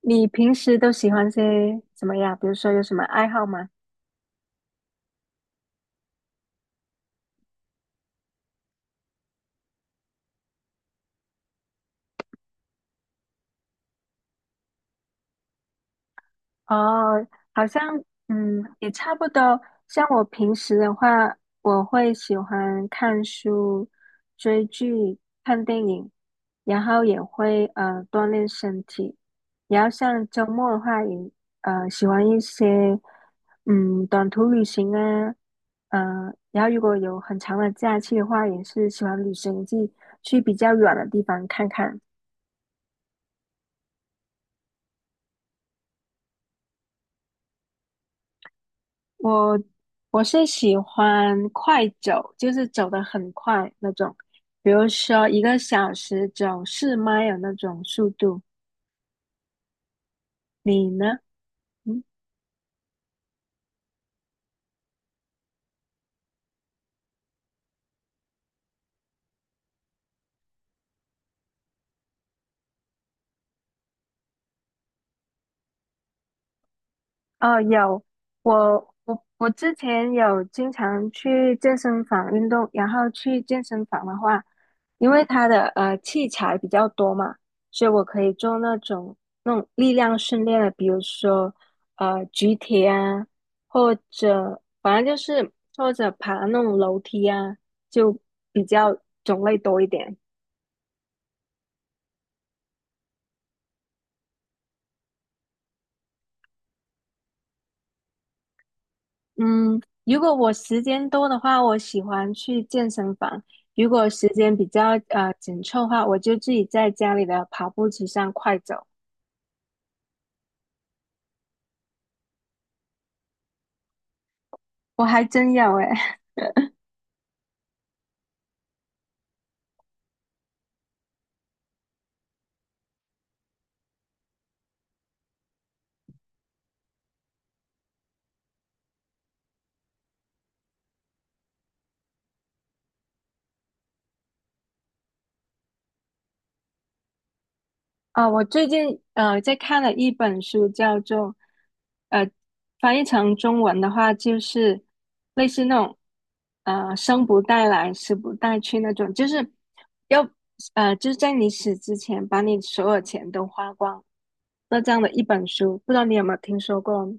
你平时都喜欢些什么呀？比如说有什么爱好吗？哦，好像也差不多。像我平时的话，我会喜欢看书、追剧、看电影，然后也会锻炼身体。然后像周末的话也，喜欢一些短途旅行啊，然后如果有很长的假期的话，也是喜欢旅行去比较远的地方看看。我我是喜欢快走，就是走得很快那种，比如说一个小时走四迈的那种速度。你呢？嗯哦，有，我之前有经常去健身房运动，然后去健身房的话，因为它的器材比较多嘛，所以我可以做那种力量训练的，比如说举铁啊，或者反正就是或者爬那种楼梯啊，就比较种类多一点。嗯，如果我时间多的话，我喜欢去健身房；如果时间比较紧凑的话，我就自己在家里的跑步机上快走。我还真有诶，啊、我最近在看了一本书，叫做呃翻译成中文的话就是类似那种生不带来死不带去那种，就是要就是在你死之前把你所有钱都花光，那这样的一本书，不知道你有没有听说过？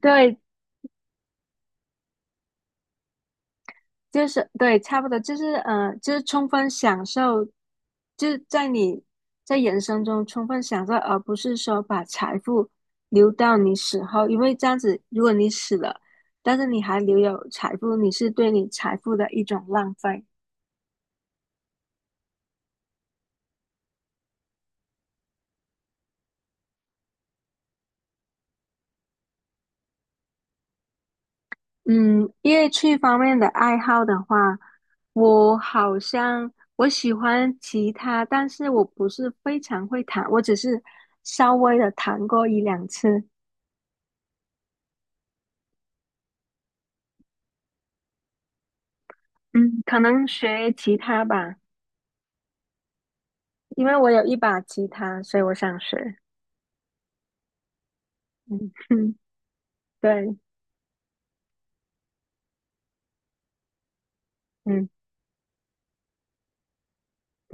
对，就是对，差不多就是充分享受，就是在人生中充分享受，而不是说把财富留到你死后，因为这样子，如果你死了，但是你还留有财富，你是对你财富的一种浪费。嗯，乐器方面的爱好的话，我好像我喜欢吉他，但是我不是非常会弹，我只是稍微的弹过一两次。嗯，可能学吉他吧，因为我有一把吉他，所以我想学。嗯哼，对，嗯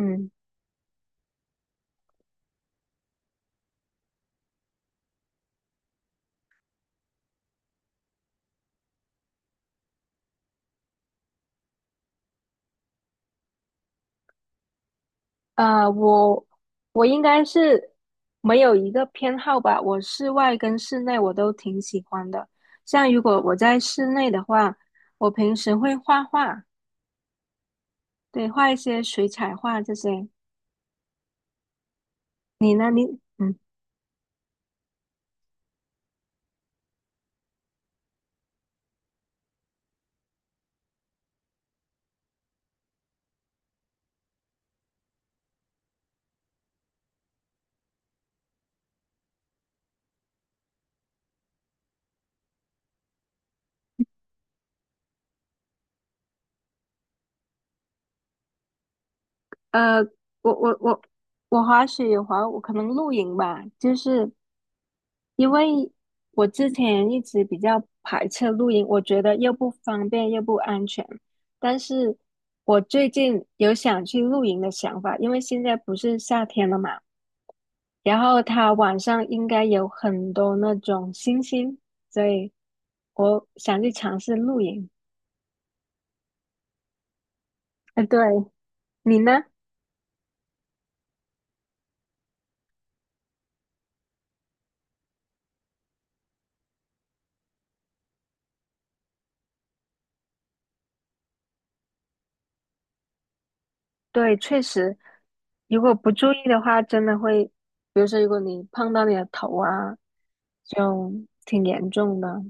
嗯，呃，我我应该是没有一个偏好吧，我室外跟室内我都挺喜欢的。像如果我在室内的话，我平时会画画，对，画一些水彩画这些。你呢？你嗯，呃，我我我我滑雪有滑，我可能露营吧，就是。因为我之前一直比较排斥露营，我觉得又不方便又不安全。但是我最近有想去露营的想法，因为现在不是夏天了嘛，然后它晚上应该有很多那种星星，所以我想去尝试露营。哎，对，你呢？对，确实，如果不注意的话，真的会，比如说如果你碰到你的头啊，就挺严重的。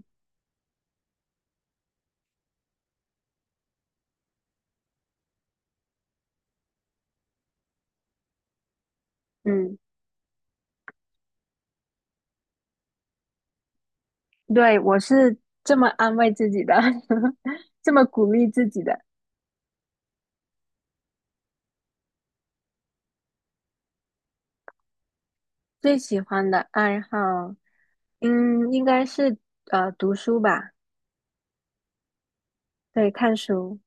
嗯。对，我是这么安慰自己的，这么鼓励自己的。最喜欢的爱好，应该是读书吧，对，看书。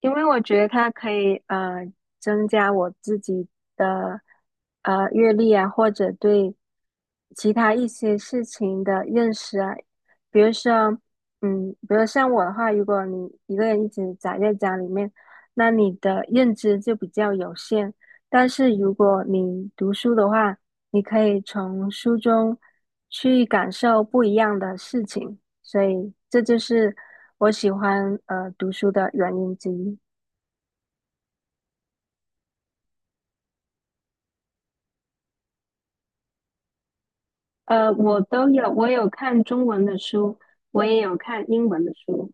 因为我觉得它可以增加我自己的阅历啊，或者对其他一些事情的认识啊。比如说，比如像我的话，如果你一个人一直宅在家里面，那你的认知就比较有限。但是如果你读书的话，你可以从书中去感受不一样的事情。所以这就是我喜欢读书的原因之一。我都有，我有看中文的书，我也有看英文的书。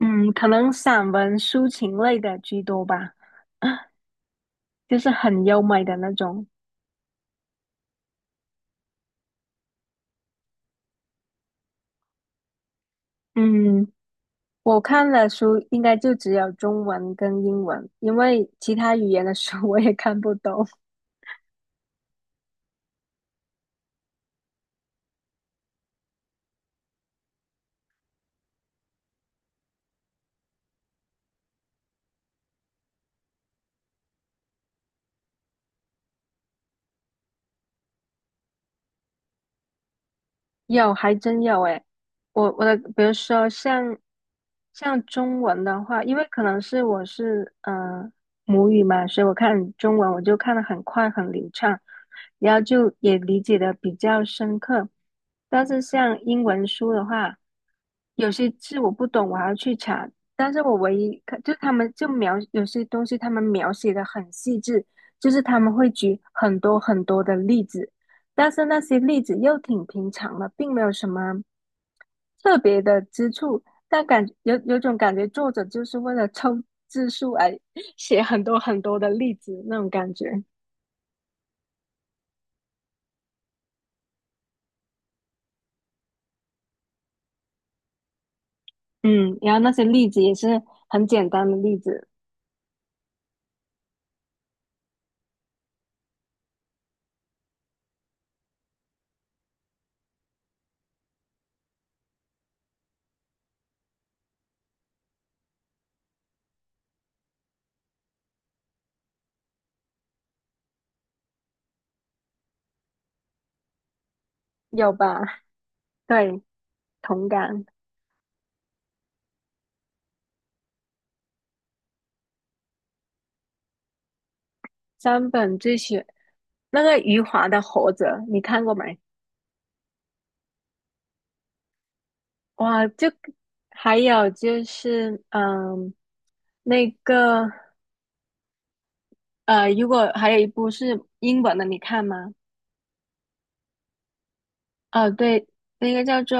嗯，可能散文、抒情类的居多吧，就是很优美的那种。嗯，我看的书应该就只有中文跟英文，因为其他语言的书 我也看不懂。有，还真有诶。我的，比如说像中文的话，因为可能是我是母语嘛，所以我看中文我就看得很快很流畅，然后就也理解的比较深刻。但是像英文书的话，有些字我不懂，我还要去查。但是我唯一看，就他们就描有些东西，他们描写的很细致，就是他们会举很多很多的例子。但是那些例子又挺平常的，并没有什么特别的之处。但有种感觉，作者就是为了凑字数而 写很多很多的例子那种感觉。嗯，然后那些例子也是很简单的例子，有吧？对，同感。三本那个余华的《活着》，你看过没？哇，就还有就是，那个如果还有一部是英文的，你看吗？哦，对，那个叫做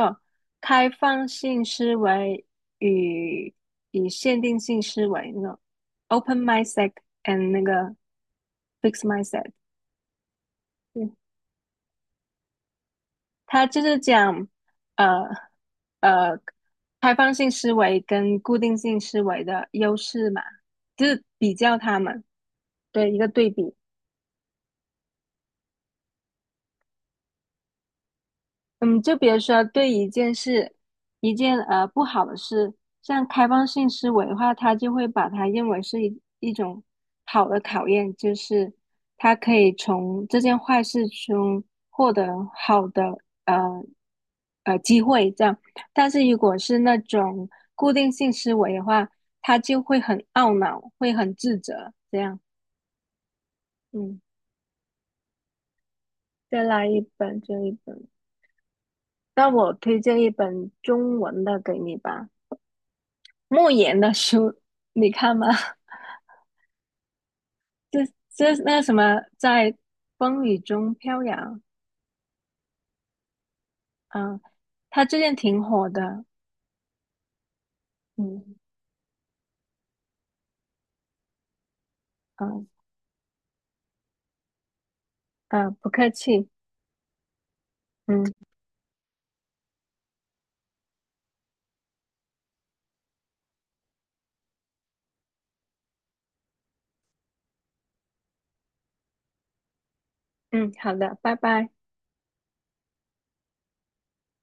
《开放性思维与限定性思维》那个 Open Mindset and 那个 Fixed Mindset。对，它就是讲呃呃开放性思维跟固定性思维的优势嘛，就是比较它们，对，一个对比。嗯，就比如说对一件事，一件不好的事，像开放性思维的话，他就会把它认为是一种好的考验，就是他可以从这件坏事中获得好的呃机会这样。但是如果是那种固定性思维的话，他就会很懊恼，会很自责这样。嗯，再来一本这一本，那我推荐一本中文的给你吧。莫言的书，你看吗？这这那个什么，在风雨中飘扬，嗯，他最近挺火的，嗯嗯嗯，不客气，嗯嗯，好的，拜拜。